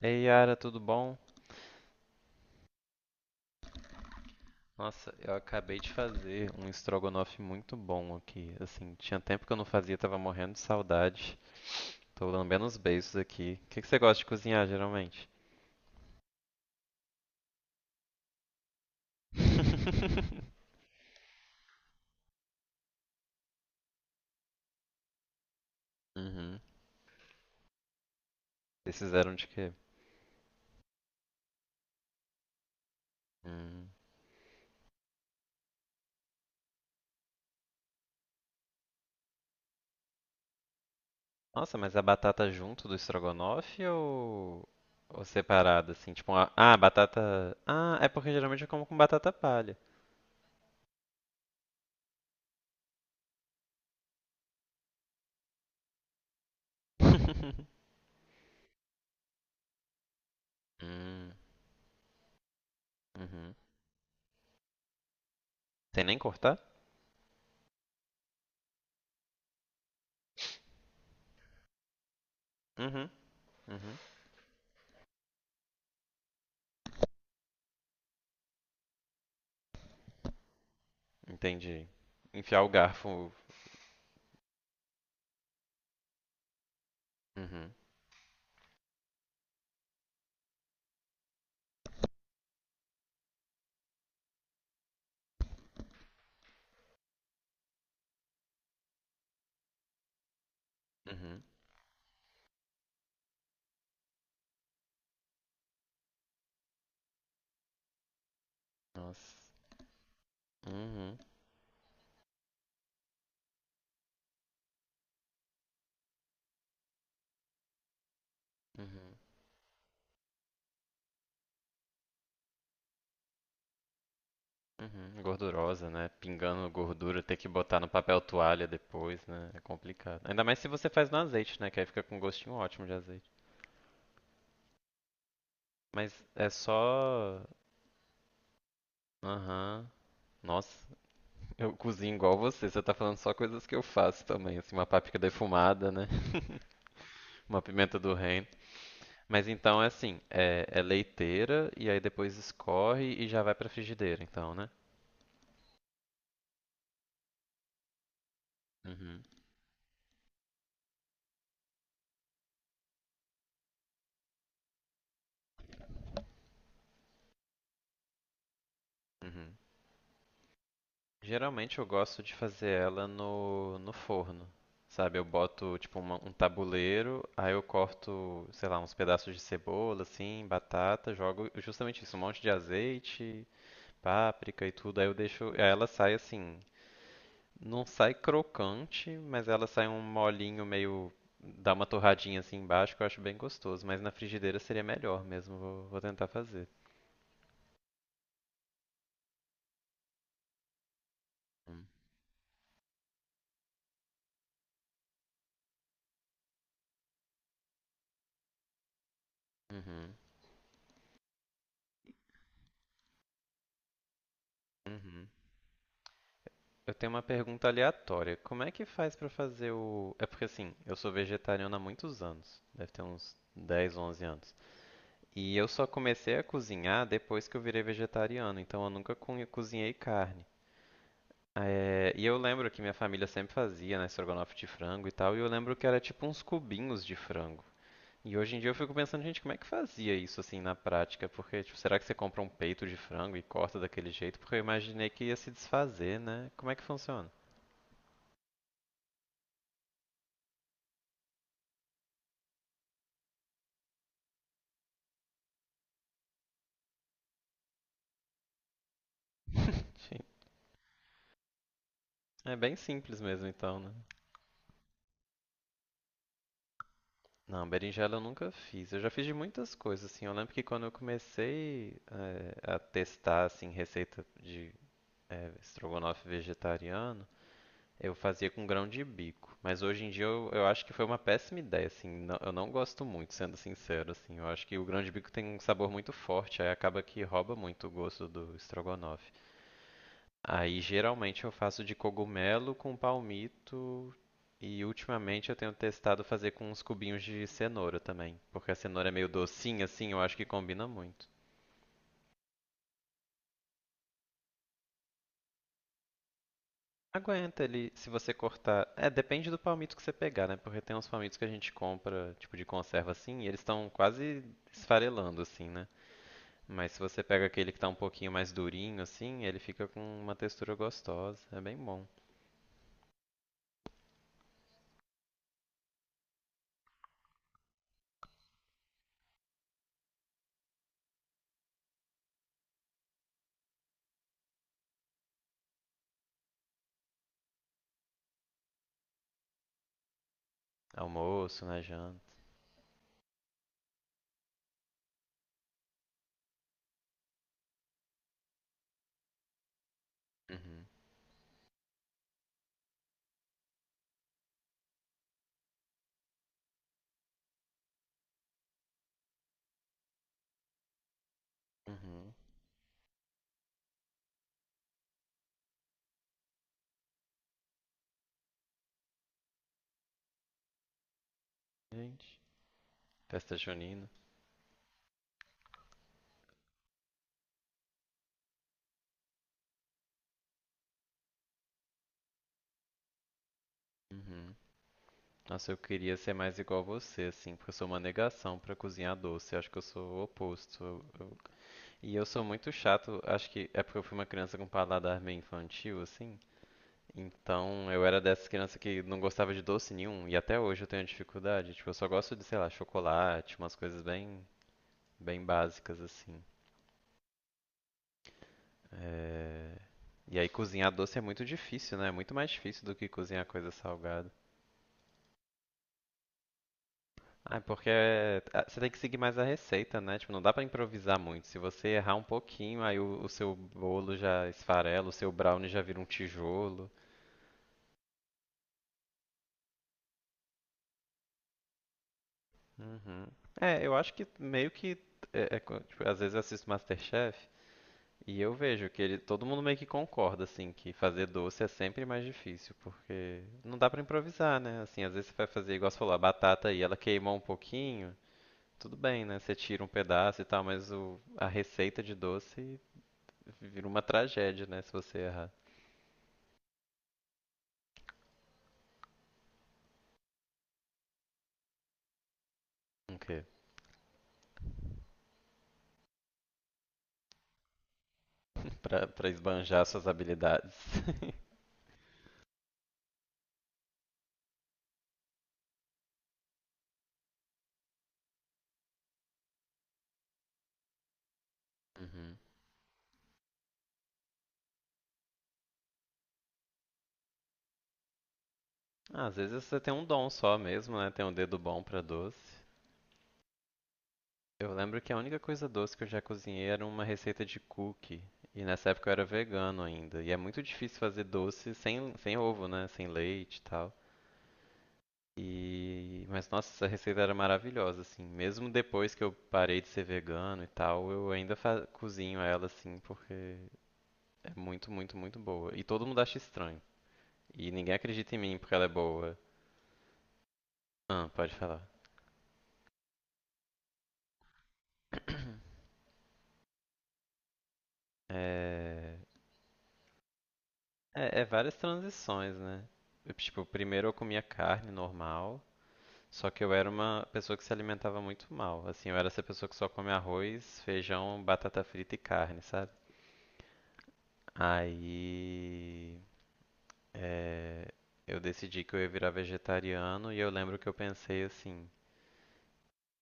Ei, Yara, tudo bom? Nossa, eu acabei de fazer um estrogonofe muito bom aqui. Assim, tinha tempo que eu não fazia, tava morrendo de saudade. Tô lambendo os beiços aqui. O que que você gosta de cozinhar, geralmente? Uhum. Vocês fizeram de quê? Hum. Nossa, mas a batata junto do estrogonofe ou separada, assim? Tipo, uma, ah, batata. Ah, é porque geralmente eu como com batata palha. Hum. Uhum. Sem nem cortar? Uhum. Entendi. Enfiar o garfo. Uhum, uhum. Nossa. Uhum, uhum, uhum. Gordurosa, né? Pingando gordura, ter que botar no papel toalha depois, né? É complicado. Ainda mais se você faz no azeite, né? Que aí fica com um gostinho ótimo de azeite. Mas é só. Aham. Nossa, eu cozinho igual você. Você tá falando só coisas que eu faço também. Assim, uma páprica defumada, né? Uma pimenta do reino. Mas então é assim, é leiteira e aí depois escorre e já vai pra frigideira, então, né? Uhum, uhum. Geralmente eu gosto de fazer ela no forno, sabe? Eu boto tipo um tabuleiro, aí eu corto, sei lá, uns pedaços de cebola, assim, batata, jogo justamente isso, um monte de azeite, páprica e tudo, aí eu deixo, aí ela sai assim. Não sai crocante, mas ela sai um molinho meio. Dá uma torradinha assim embaixo que eu acho bem gostoso. Mas na frigideira seria melhor mesmo. Vou tentar fazer. Hum. Uhum. Uhum. Eu tenho uma pergunta aleatória. Como é que faz pra fazer o. É porque assim, eu sou vegetariano há muitos anos. Deve ter uns 10, 11 anos. E eu só comecei a cozinhar depois que eu virei vegetariano. Então eu nunca cozinhei carne. É, e eu lembro que minha família sempre fazia, né, estrogonofe de frango e tal, e eu lembro que era tipo uns cubinhos de frango. E hoje em dia eu fico pensando, gente, como é que fazia isso assim na prática? Porque, tipo, será que você compra um peito de frango e corta daquele jeito? Porque eu imaginei que ia se desfazer, né? Como é que funciona? Enfim, é bem simples mesmo então, né? Não, berinjela eu nunca fiz. Eu já fiz de muitas coisas, assim. Eu lembro que quando eu comecei a testar, assim, receita de estrogonofe vegetariano, eu fazia com grão de bico, mas hoje em dia eu acho que foi uma péssima ideia, assim, eu não gosto muito, sendo sincero, assim, eu acho que o grão de bico tem um sabor muito forte, aí acaba que rouba muito o gosto do estrogonofe. Aí geralmente eu faço de cogumelo com palmito e ultimamente eu tenho testado fazer com uns cubinhos de cenoura também, porque a cenoura é meio docinha, assim, eu acho que combina muito. Aguenta ele, se você cortar. É, depende do palmito que você pegar, né? Porque tem uns palmitos que a gente compra, tipo de conserva assim, e eles estão quase esfarelando assim, né? Mas se você pega aquele que tá um pouquinho mais durinho assim, ele fica com uma textura gostosa. É bem bom. Almoço, na janta. Uhum. Uhum. Gente, festa junina. Uhum. Nossa, eu queria ser mais igual você, assim, porque eu sou uma negação pra cozinhar doce. Eu acho que eu sou o oposto. Eu E eu sou muito chato, acho que é porque eu fui uma criança com paladar bem infantil, assim. Então eu era dessas crianças que não gostava de doce nenhum, e até hoje eu tenho dificuldade. Tipo, eu só gosto de, sei lá, chocolate, umas coisas bem, bem básicas, assim. É... E aí cozinhar doce é muito difícil, né? É muito mais difícil do que cozinhar coisa salgada. Ah, é porque ah, você tem que seguir mais a receita, né? Tipo, não dá pra improvisar muito. Se você errar um pouquinho, aí o seu bolo já esfarela, o seu brownie já vira um tijolo. Uhum. É, eu acho que meio que tipo, às vezes eu assisto MasterChef e eu vejo que ele, todo mundo meio que concorda assim que fazer doce é sempre mais difícil, porque não dá pra improvisar, né? Assim, às vezes você vai fazer igual você falou, a batata e ela queimou um pouquinho, tudo bem, né? Você tira um pedaço e tal, mas a receita de doce vira uma tragédia, né, se você errar. O quê? Pra esbanjar suas habilidades. Uhum. Ah, às vezes você tem um dom só mesmo, né? Tem um dedo bom pra doce. Eu lembro que a única coisa doce que eu já cozinhei era uma receita de cookie. E nessa época eu era vegano ainda. E é muito difícil fazer doce sem ovo, né? Sem leite e tal. Mas nossa, essa receita era maravilhosa, assim. Mesmo depois que eu parei de ser vegano e tal, eu ainda cozinho ela, assim, porque é muito, muito, muito boa. E todo mundo acha estranho. E ninguém acredita em mim porque ela é boa. Ah, pode falar. É, é várias transições, né? Tipo, primeiro eu comia carne normal. Só que eu era uma pessoa que se alimentava muito mal. Assim, eu era essa pessoa que só come arroz, feijão, batata frita e carne, sabe? Aí, é, eu decidi que eu ia virar vegetariano e eu lembro que eu pensei assim,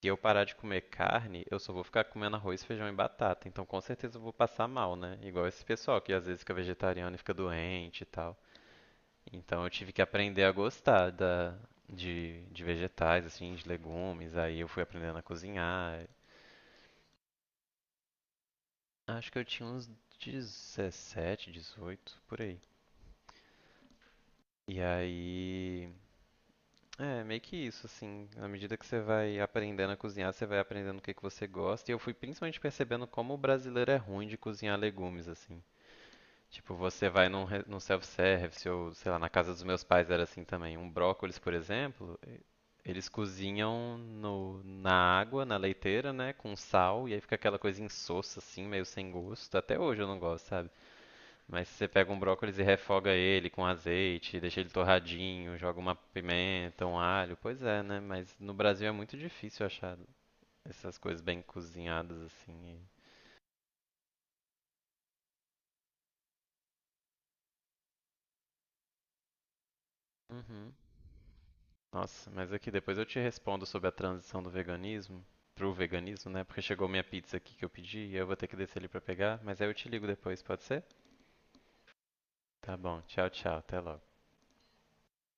se eu parar de comer carne, eu só vou ficar comendo arroz, feijão e batata, então com certeza eu vou passar mal, né? Igual esse pessoal que às vezes fica vegetariano e fica doente e tal. Então eu tive que aprender a gostar de vegetais, assim, de legumes, aí eu fui aprendendo a cozinhar. Acho que eu tinha uns 17, 18 por aí. E aí. É, meio que isso, assim. À medida que você vai aprendendo a cozinhar, você vai aprendendo o que que você gosta. E eu fui principalmente percebendo como o brasileiro é ruim de cozinhar legumes, assim. Tipo, você vai num self-service ou, sei lá, na casa dos meus pais era assim também. Um brócolis, por exemplo, eles cozinham no, na água, na leiteira, né, com sal, e aí fica aquela coisa insossa, assim, meio sem gosto. Até hoje eu não gosto, sabe? Mas se você pega um brócolis e refoga ele com azeite, deixa ele torradinho, joga uma pimenta, um alho, pois é, né? Mas no Brasil é muito difícil achar essas coisas bem cozinhadas assim. Uhum. Nossa, mas aqui depois eu te respondo sobre a transição do veganismo pro veganismo, né? Porque chegou minha pizza aqui que eu pedi e eu vou ter que descer ali pra pegar, mas aí eu te ligo depois, pode ser? Tá bom, tchau, tchau, até logo.